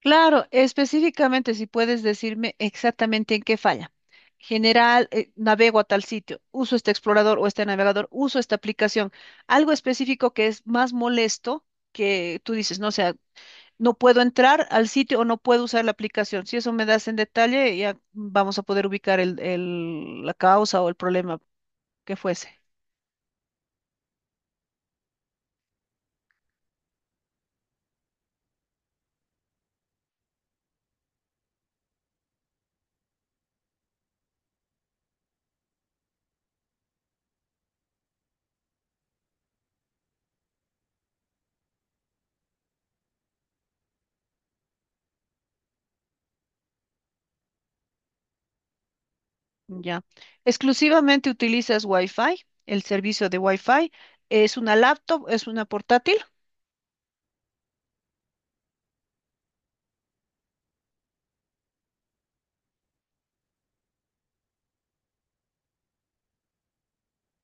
Claro, específicamente si puedes decirme exactamente en qué falla. General, navego a tal sitio, uso este explorador o este navegador, uso esta aplicación. Algo específico que es más molesto que tú dices, no, o sea, no puedo entrar al sitio o no puedo usar la aplicación. Si eso me das en detalle, ya vamos a poder ubicar la causa o el problema que fuese. Ya. Exclusivamente utilizas Wi-Fi, el servicio de Wi-Fi. Es una laptop, es una portátil.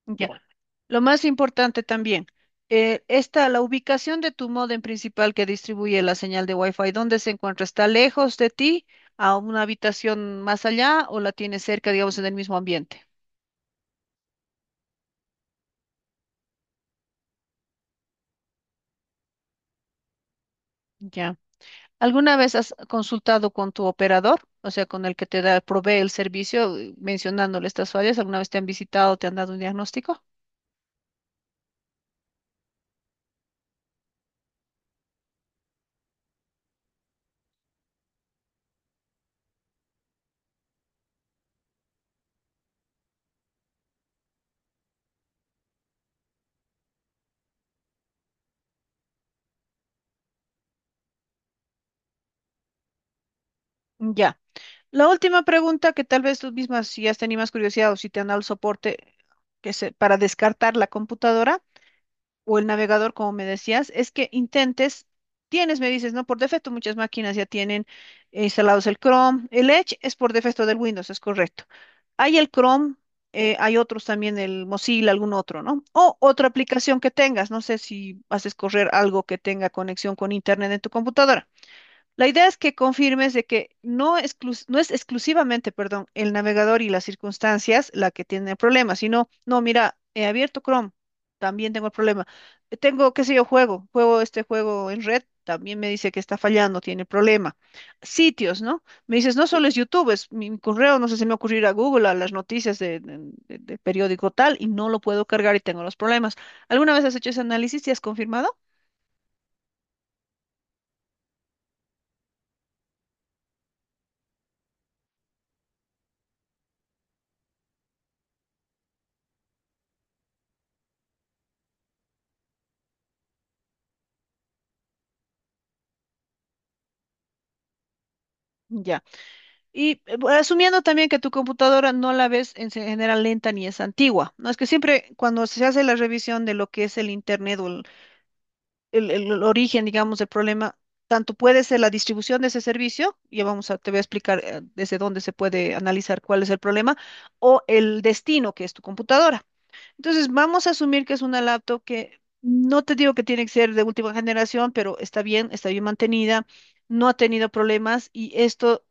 Ya. Lo más importante también, está la ubicación de tu módem principal que distribuye la señal de Wi-Fi. ¿Dónde se encuentra? ¿Está lejos de ti, a una habitación más allá o la tienes cerca, digamos, en el mismo ambiente? Ya. ¿Alguna vez has consultado con tu operador, o sea, con el que te da, provee el servicio, mencionándole estas fallas? ¿Alguna vez te han visitado, te han dado un diagnóstico? Ya. La última pregunta que tal vez tú misma, si has tenido más curiosidad o si te han dado el soporte que se, para descartar la computadora, o el navegador, como me decías, es que intentes, tienes, me dices, ¿no? Por defecto muchas máquinas ya tienen instalados el Chrome. El Edge es por defecto del Windows, es correcto. Hay el Chrome, hay otros también, el Mozilla, algún otro, ¿no? O otra aplicación que tengas, no sé si haces correr algo que tenga conexión con Internet en tu computadora. La idea es que confirmes de que no, exclus- no es exclusivamente, perdón, el navegador y las circunstancias la que tiene problemas, sino, no, mira, he abierto Chrome, también tengo el problema. Tengo, qué sé yo, juego este juego en red, también me dice que está fallando, tiene problema. Sitios, ¿no? Me dices, no solo es YouTube, mi correo, no sé si me ocurrirá Google, a las noticias de periódico tal, y no lo puedo cargar y tengo los problemas. ¿Alguna vez has hecho ese análisis y has confirmado? Ya. Y asumiendo también que tu computadora no la ves en se- general lenta ni es antigua, ¿no? Es que siempre cuando se hace la revisión de lo que es el Internet o el origen, digamos, del problema, tanto puede ser la distribución de ese servicio, ya vamos a, te voy a explicar desde dónde se puede analizar cuál es el problema, o el destino que es tu computadora. Entonces, vamos a asumir que es una laptop que no te digo que tiene que ser de última generación, pero está bien mantenida, no ha tenido problemas y esto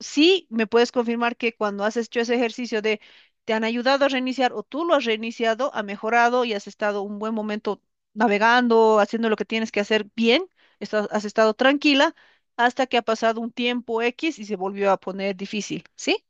sí me puedes confirmar que cuando has hecho ese ejercicio de te han ayudado a reiniciar o tú lo has reiniciado, ha mejorado y has estado un buen momento navegando, haciendo lo que tienes que hacer bien, estás- has estado tranquila hasta que ha pasado un tiempo X y se volvió a poner difícil, ¿sí?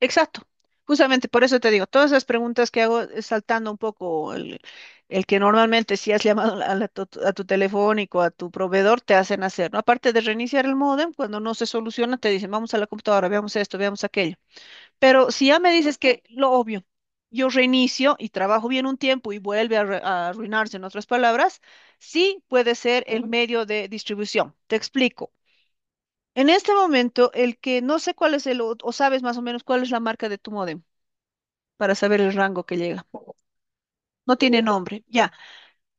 Exacto. Justamente por eso te digo, todas esas preguntas que hago saltando un poco el que normalmente si has llamado la- a tu telefónico, a tu proveedor, te hacen hacer, ¿no? Aparte de reiniciar el módem, cuando no se soluciona, te dicen, vamos a la computadora, veamos esto, veamos aquello. Pero si ya me dices que lo obvio, yo reinicio y trabajo bien un tiempo y vuelve a, re- a arruinarse, en otras palabras, sí puede ser el Ujú. Medio de distribución. Te explico. En este momento, el que no sé cuál es el, o sabes más o menos cuál es la marca de tu módem para saber el rango que llega. No tiene nombre, ya.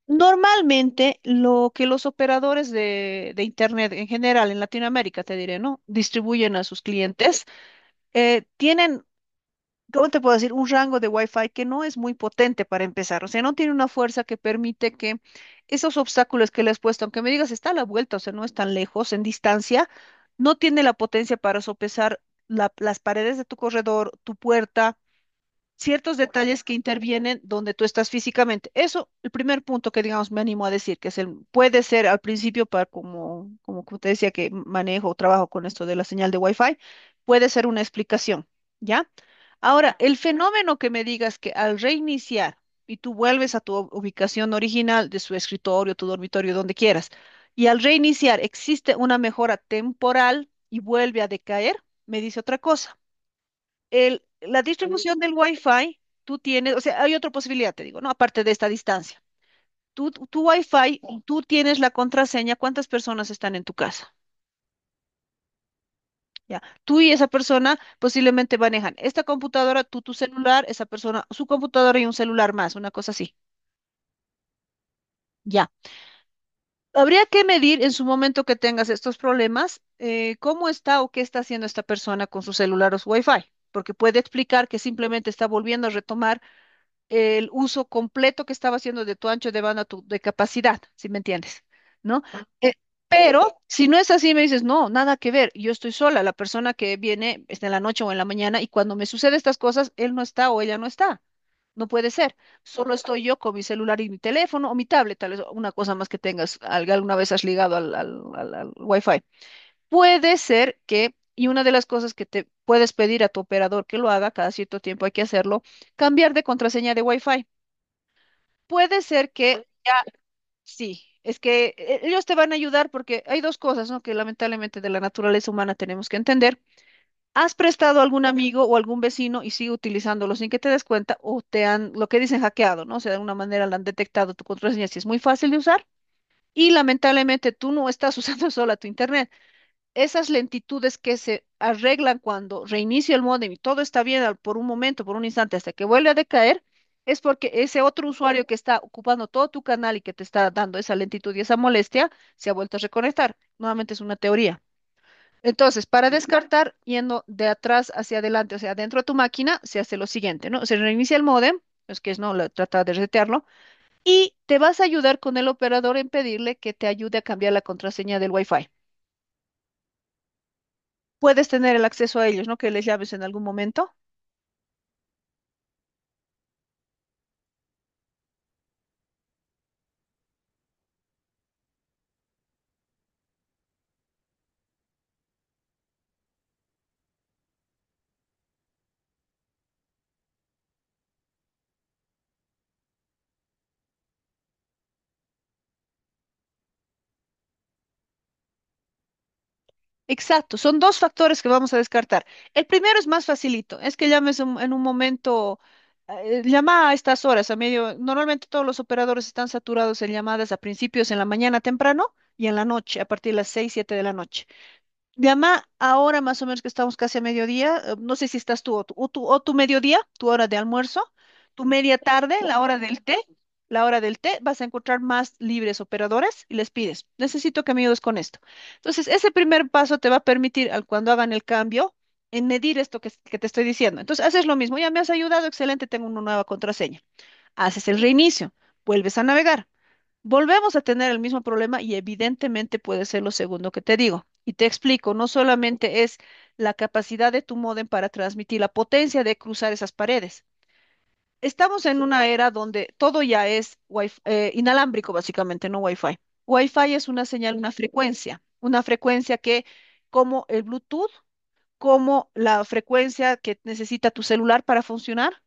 Normalmente lo que los operadores de Internet en general en Latinoamérica, te diré, ¿no? Distribuyen a sus clientes, tienen, ¿cómo te puedo decir? Un rango de Wi-Fi que no es muy potente para empezar, o sea, no tiene una fuerza que permite que esos obstáculos que le has puesto, aunque me digas está a la vuelta, o sea, no es tan lejos en distancia, no tiene la potencia para sopesar la- las paredes de tu corredor, tu puerta ciertos detalles que intervienen donde tú estás físicamente. Eso, el primer punto que digamos me animo a decir, que es el, puede ser al principio para como, como que te decía que manejo o trabajo con esto de la señal de Wi-Fi, puede ser una explicación, ¿ya? Ahora, el fenómeno que me digas que al reiniciar y tú vuelves a tu u- ubicación original de su escritorio, tu dormitorio, donde quieras, y al reiniciar existe una mejora temporal y vuelve a decaer, me dice otra cosa el- la distribución del Wi-Fi, tú tienes, o sea, hay otra posibilidad, te digo, ¿no? Aparte de esta distancia. Tú, tu Wi-Fi, tú tienes la contraseña, cuántas personas están en tu casa, ¿ya? Tú y esa persona posiblemente manejan esta computadora, tú tu celular, esa persona, su computadora y un celular más, una cosa así, ¿ya? Habría que medir en su momento que tengas estos problemas, cómo está o qué está haciendo esta persona con su celular o su Wi-Fi, porque puede explicar que simplemente está volviendo a retomar el uso completo que estaba haciendo de tu ancho de banda, tu, de capacidad, si me entiendes, ¿no? Eh, pero si no es así, me dices, no, nada que ver, yo estoy sola, la persona que viene está en la noche o en la mañana y cuando me suceden estas cosas, él no está o ella no está. No puede ser, solo estoy yo con mi celular y mi teléfono o mi tablet, tal vez una cosa más que tengas, alguna vez has ligado al Wi-Fi. Puede ser que, y una de las cosas que te puedes pedir a tu operador que lo haga, cada cierto tiempo hay que hacerlo, cambiar de contraseña de Wi-Fi. Puede ser que sí, es que ellos te van a ayudar porque hay dos cosas, ¿no? Que lamentablemente de la naturaleza humana tenemos que entender. ¿Has prestado a algún amigo o algún vecino y sigue utilizándolo sin que te des cuenta o te han, lo que dicen, hackeado, ¿no? O sea, de alguna manera le han detectado tu contraseña si es muy fácil de usar y lamentablemente tú no estás usando sola tu internet esas lentitudes que se arreglan cuando reinicio el módem y todo está bien al- por un momento, por un instante, hasta que vuelve a decaer, es porque ese otro usuario que está ocupando todo tu canal y que te está dando esa lentitud y esa molestia, se ha vuelto a reconectar. Nuevamente es una teoría. Entonces, para descartar, yendo de atrás hacia adelante, o sea, dentro de tu máquina, se hace lo siguiente, ¿no? Se reinicia el módem, es que es no, la- trata de resetearlo, y te vas a ayudar con el operador en pedirle que te ayude a cambiar la contraseña del Wi-Fi. Puedes tener el acceso a ellos, ¿no? Que les llames en algún momento. Exacto, son dos factores que vamos a descartar. El primero es más facilito, es que llames en un momento, llama a estas horas, a medio, normalmente todos los operadores están saturados en llamadas a principios en la mañana temprano y en la noche, a partir de las 6 7 de la noche. Llama ahora más o menos que estamos casi a mediodía, no sé si estás tú o tu mediodía, tu hora de almuerzo, tu media tarde, la hora del té, vas a encontrar más libres operadores y les pides, necesito que me ayudes con esto. Entonces, ese primer paso te va a permitir al cuando hagan el cambio en medir esto que te estoy diciendo. Entonces, haces lo mismo, ya me has ayudado, excelente, tengo una nueva contraseña. Haces el reinicio, vuelves a navegar. Volvemos a tener el mismo problema y evidentemente puede ser lo segundo que te digo. Y te explico, no solamente es la capacidad de tu módem para transmitir, la potencia de cruzar esas paredes. Estamos en una era donde todo ya es inalámbrico, básicamente, no Wi-Fi. Wi-Fi es una señal, una frecuencia que, como el Bluetooth, como la frecuencia que necesita tu celular para funcionar,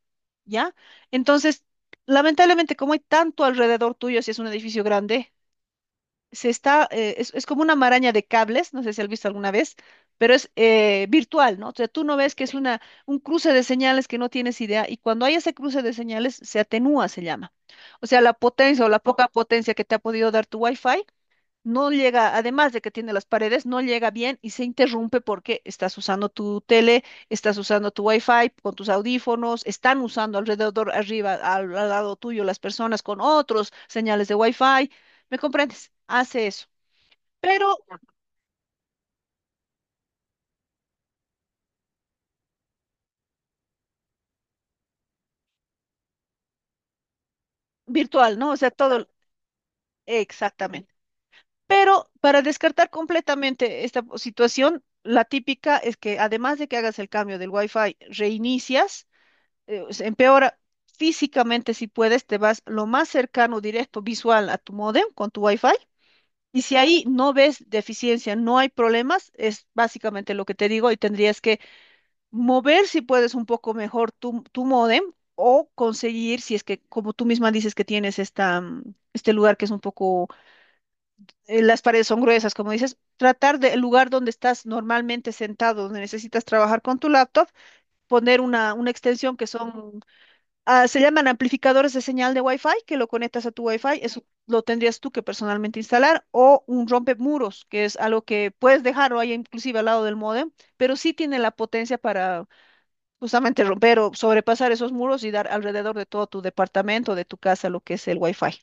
¿ya? Entonces, lamentablemente, como hay tanto alrededor tuyo, si es un edificio grande, se está, es como una maraña de cables, no sé si has visto alguna vez, pero es virtual, ¿no? O sea, tú no ves que es una, un cruce de señales que no tienes idea, y cuando hay ese cruce de señales, se atenúa, se llama. O sea, la potencia o la poca potencia que te ha podido dar tu Wi-Fi no llega, además de que tiene las paredes, no llega bien y se interrumpe porque estás usando tu tele, estás usando tu wifi con tus audífonos, están usando alrededor, arriba, al lado tuyo las personas con otros señales de wifi. ¿Me comprendes? Hace eso, pero virtual, ¿no? O sea, todo, exactamente. Pero para descartar completamente esta situación, la típica es que además de que hagas el cambio del wifi, reinicias se empeora físicamente si puedes, te vas lo más cercano, directo, visual a tu módem con tu wifi. Y si ahí no ves deficiencia, no hay problemas, es básicamente lo que te digo y tendrías que mover si puedes un poco mejor tu módem o conseguir, si es que como tú misma dices que tienes esta, este lugar que es un poco, las paredes son gruesas, como dices, tratar del lugar donde estás normalmente sentado, donde necesitas trabajar con tu laptop, poner una extensión que son Ah, se llaman amplificadores de señal de Wi-Fi, que lo conectas a tu Wi-Fi, eso lo tendrías tú que personalmente instalar, o un rompemuros, que es algo que puedes dejarlo ahí inclusive al lado del módem, pero sí tiene la potencia para justamente romper o sobrepasar esos muros y dar alrededor de todo tu departamento, de tu casa, lo que es el Wi-Fi.